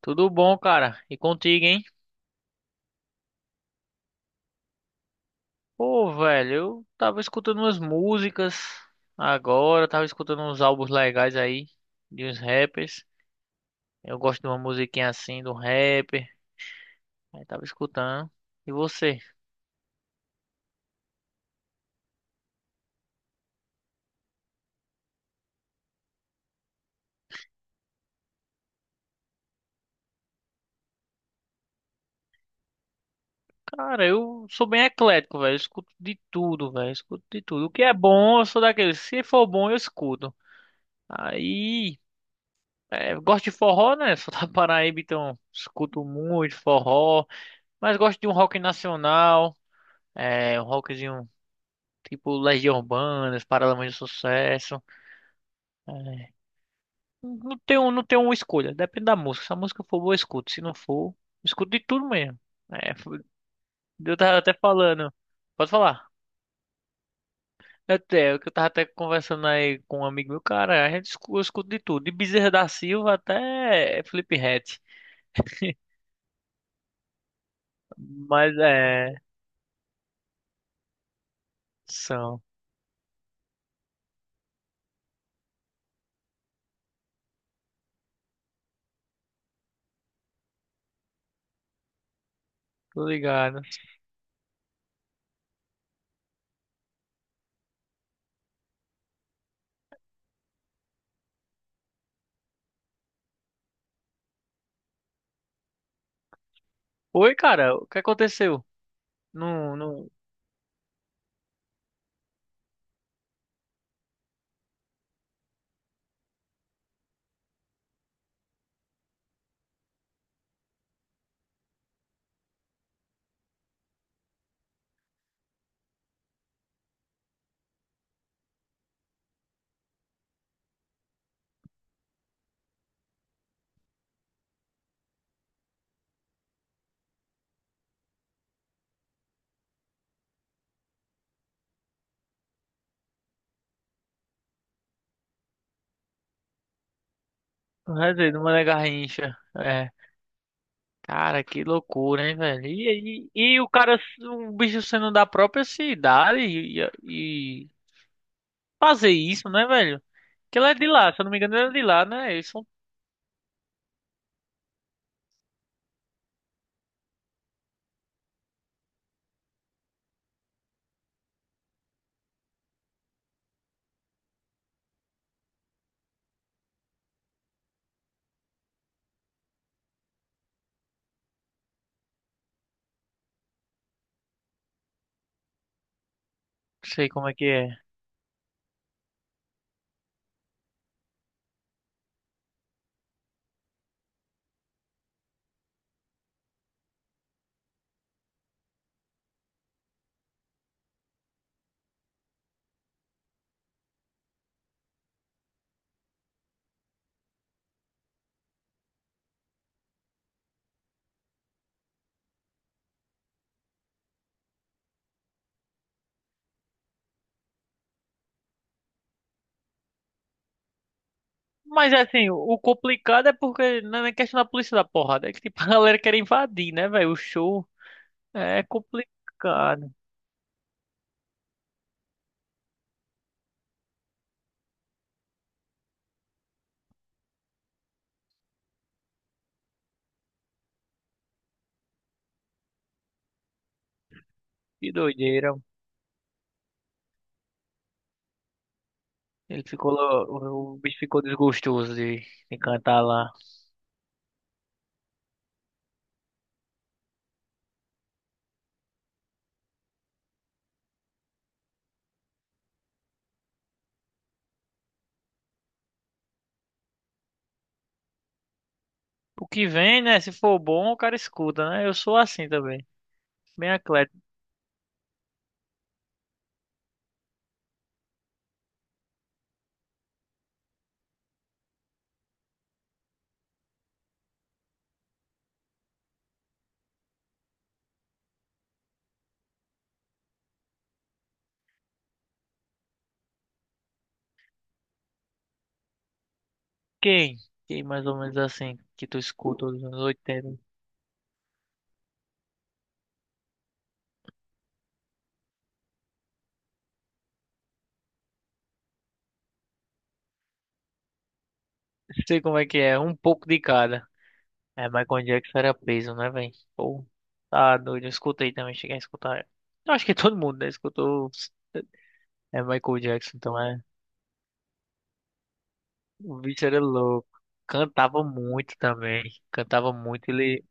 Tudo bom, cara? E contigo, hein? Pô, velho, eu tava escutando umas músicas agora, tava escutando uns álbuns legais aí de uns rappers. Eu gosto de uma musiquinha assim, do rapper. Aí tava escutando. E você? Cara, eu sou bem eclético, velho. Eu escuto de tudo, velho. Eu escuto de tudo. O que é bom, eu sou daquele. Se for bom, eu escuto. Aí, é, eu gosto de forró, né? Sou da Paraíba, então escuto muito forró. Mas gosto de um rock nacional. É, um rockzinho tipo Legião Urbana, Paralamas do Sucesso. É, não tenho uma escolha, depende da música. Se a música for boa, eu escuto. Se não for, eu escuto de tudo mesmo. É, f- eu tava até falando. Pode falar. Até, o que eu tava até conversando aí com um amigo meu, cara, eu escuto de tudo, de Bezerra da Silva até Felipe Fliphead. Mas é, são, tô ligado. Oi, cara, o que aconteceu? Não, não, não, não é Mané Garrincha. É. Cara, que loucura, hein, velho? E, e o cara, o bicho sendo da própria cidade e fazer isso, né, velho? Que ele é de lá, se eu não me engano, ele é de lá, né? Isso eu não sei como é que é. Mas assim, o complicado é porque não é questão da polícia da porrada, é que tipo, a galera quer invadir, né, velho? O show é complicado. Que doideira. O bicho ficou desgostoso de cantar lá. O que vem, né? Se for bom, o cara escuta, né? Eu sou assim também. Bem. Quem? Quem mais ou menos assim que tu escuta os anos 80? Sei como é que é, um pouco de cada. É, Michael Jackson era peso, né, velho? Pô, tá doido, eu escutei também, cheguei a escutar. Eu acho que todo mundo, né, escutou é Michael Jackson, então é. O bicho era louco. Cantava muito também. Cantava muito, ele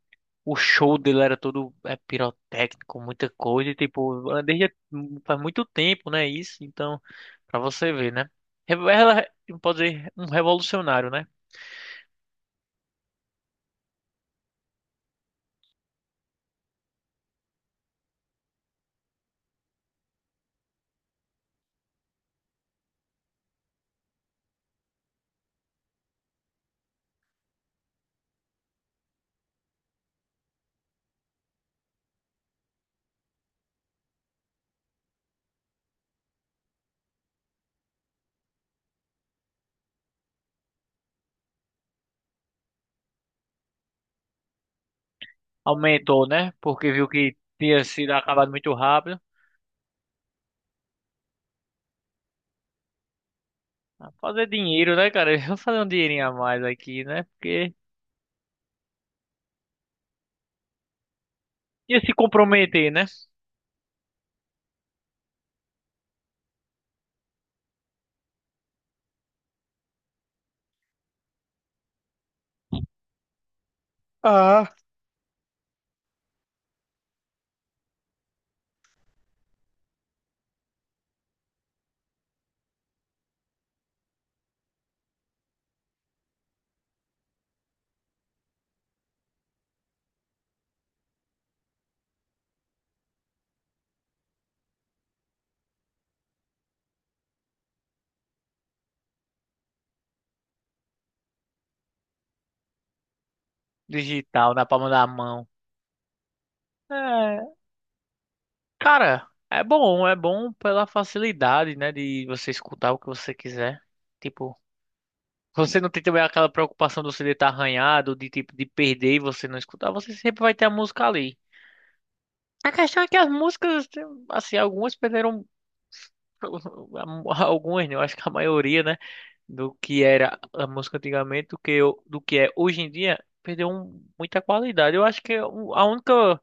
o show dele era todo é, pirotécnico, muita coisa, e, tipo, é, desde faz muito tempo, né? Isso, então, pra você ver, né? Ela pode dizer um revolucionário, né? Aumentou, né? Porque viu que tinha sido acabado muito rápido. Ah, fazer dinheiro, né, cara? Vou fazer um dinheirinho a mais aqui, né? Porque ia se comprometer, né? Ah, digital, na palma da mão. É, cara, é bom pela facilidade, né? De você escutar o que você quiser. Tipo, você não tem também aquela preocupação do CD estar arranhado, de tipo de perder e você não escutar, você sempre vai ter a música ali. A questão é que as músicas, assim, algumas perderam algumas, né? Eu acho que a maioria, né, do que era a música antigamente, do que eu, do que é hoje em dia, perdeu muita qualidade. Eu acho que a única,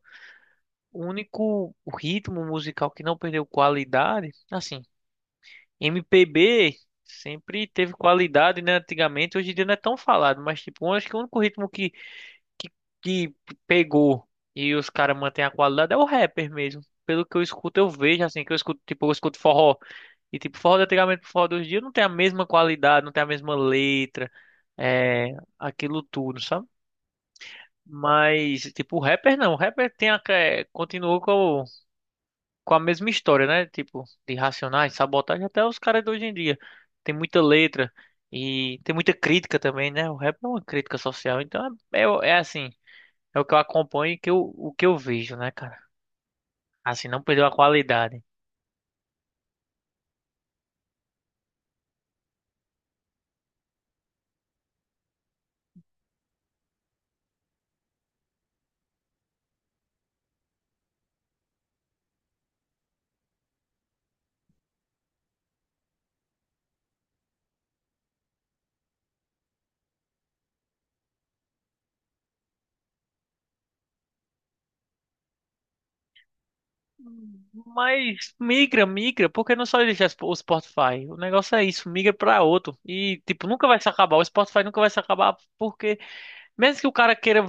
o único ritmo musical que não perdeu qualidade, assim, MPB sempre teve qualidade, né? Antigamente, hoje em dia não é tão falado, mas tipo, eu acho que o único ritmo que pegou e os caras mantêm a qualidade é o rapper mesmo. Pelo que eu escuto, eu vejo assim, que eu escuto, tipo, eu escuto forró. E tipo, forró de antigamente pro forró de hoje em dia não tem a mesma qualidade, não tem a mesma letra, é, aquilo tudo, sabe? Mas, tipo, o rapper não, o rapper tem a, é, continuou com a mesma história, né? Tipo, de Racionais, Sabotagem, até os caras de hoje em dia. Tem muita letra e tem muita crítica também, né? O rap é uma crítica social, então é, é, é assim, é o que eu acompanho e que eu, o que eu vejo, né, cara? Assim, não perdeu a qualidade. Mas migra, migra, porque não só existe o Spotify. O negócio é isso, migra pra outro. E, tipo, nunca vai se acabar. O Spotify nunca vai se acabar, porque mesmo que o cara queira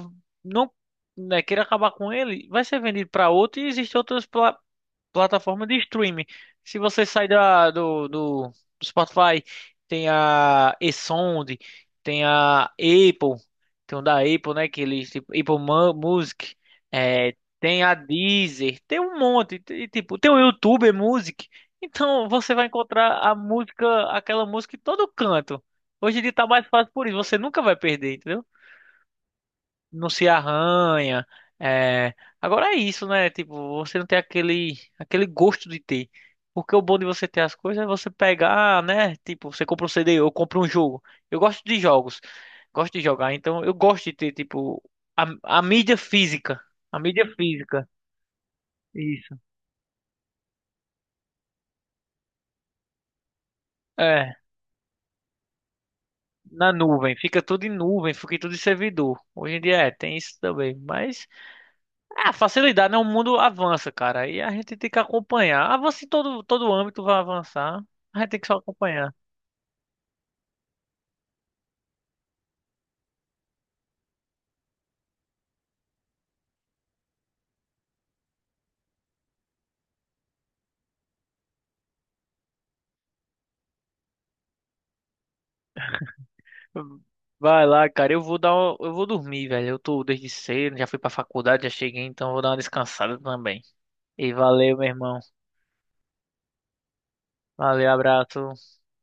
não né, queira acabar com ele, vai ser vendido pra outro e existem outras plataforma de streaming. Se você sai da, do Spotify, tem a eSound, tem a Apple, tem o da Apple, né? Que eles, tipo, Music, é, tem a Deezer, tem um monte, e, tipo, tem o YouTube Music. Então você vai encontrar a música, aquela música em todo canto. Hoje em dia tá mais fácil por isso, você nunca vai perder, entendeu? Não se arranha. É... Agora é isso, né? Tipo, você não tem aquele, aquele gosto de ter. Porque o bom de você ter as coisas é você pegar, né? Tipo, você compra um CD, eu compro um jogo. Eu gosto de jogos, gosto de jogar, então eu gosto de ter, tipo, a mídia física. A mídia física. Isso. É, na nuvem. Fica tudo em nuvem, fica tudo em servidor. Hoje em dia é, tem isso também. Mas ah, facilidade, né? O mundo avança, cara. E a gente tem que acompanhar. Avança em todo, todo âmbito, vai avançar. A gente tem que só acompanhar. Vai lá, cara. Eu vou dormir, velho. Eu tô desde cedo, já fui pra faculdade, já cheguei, então eu vou dar uma descansada também. E valeu, meu irmão. Valeu, abraço.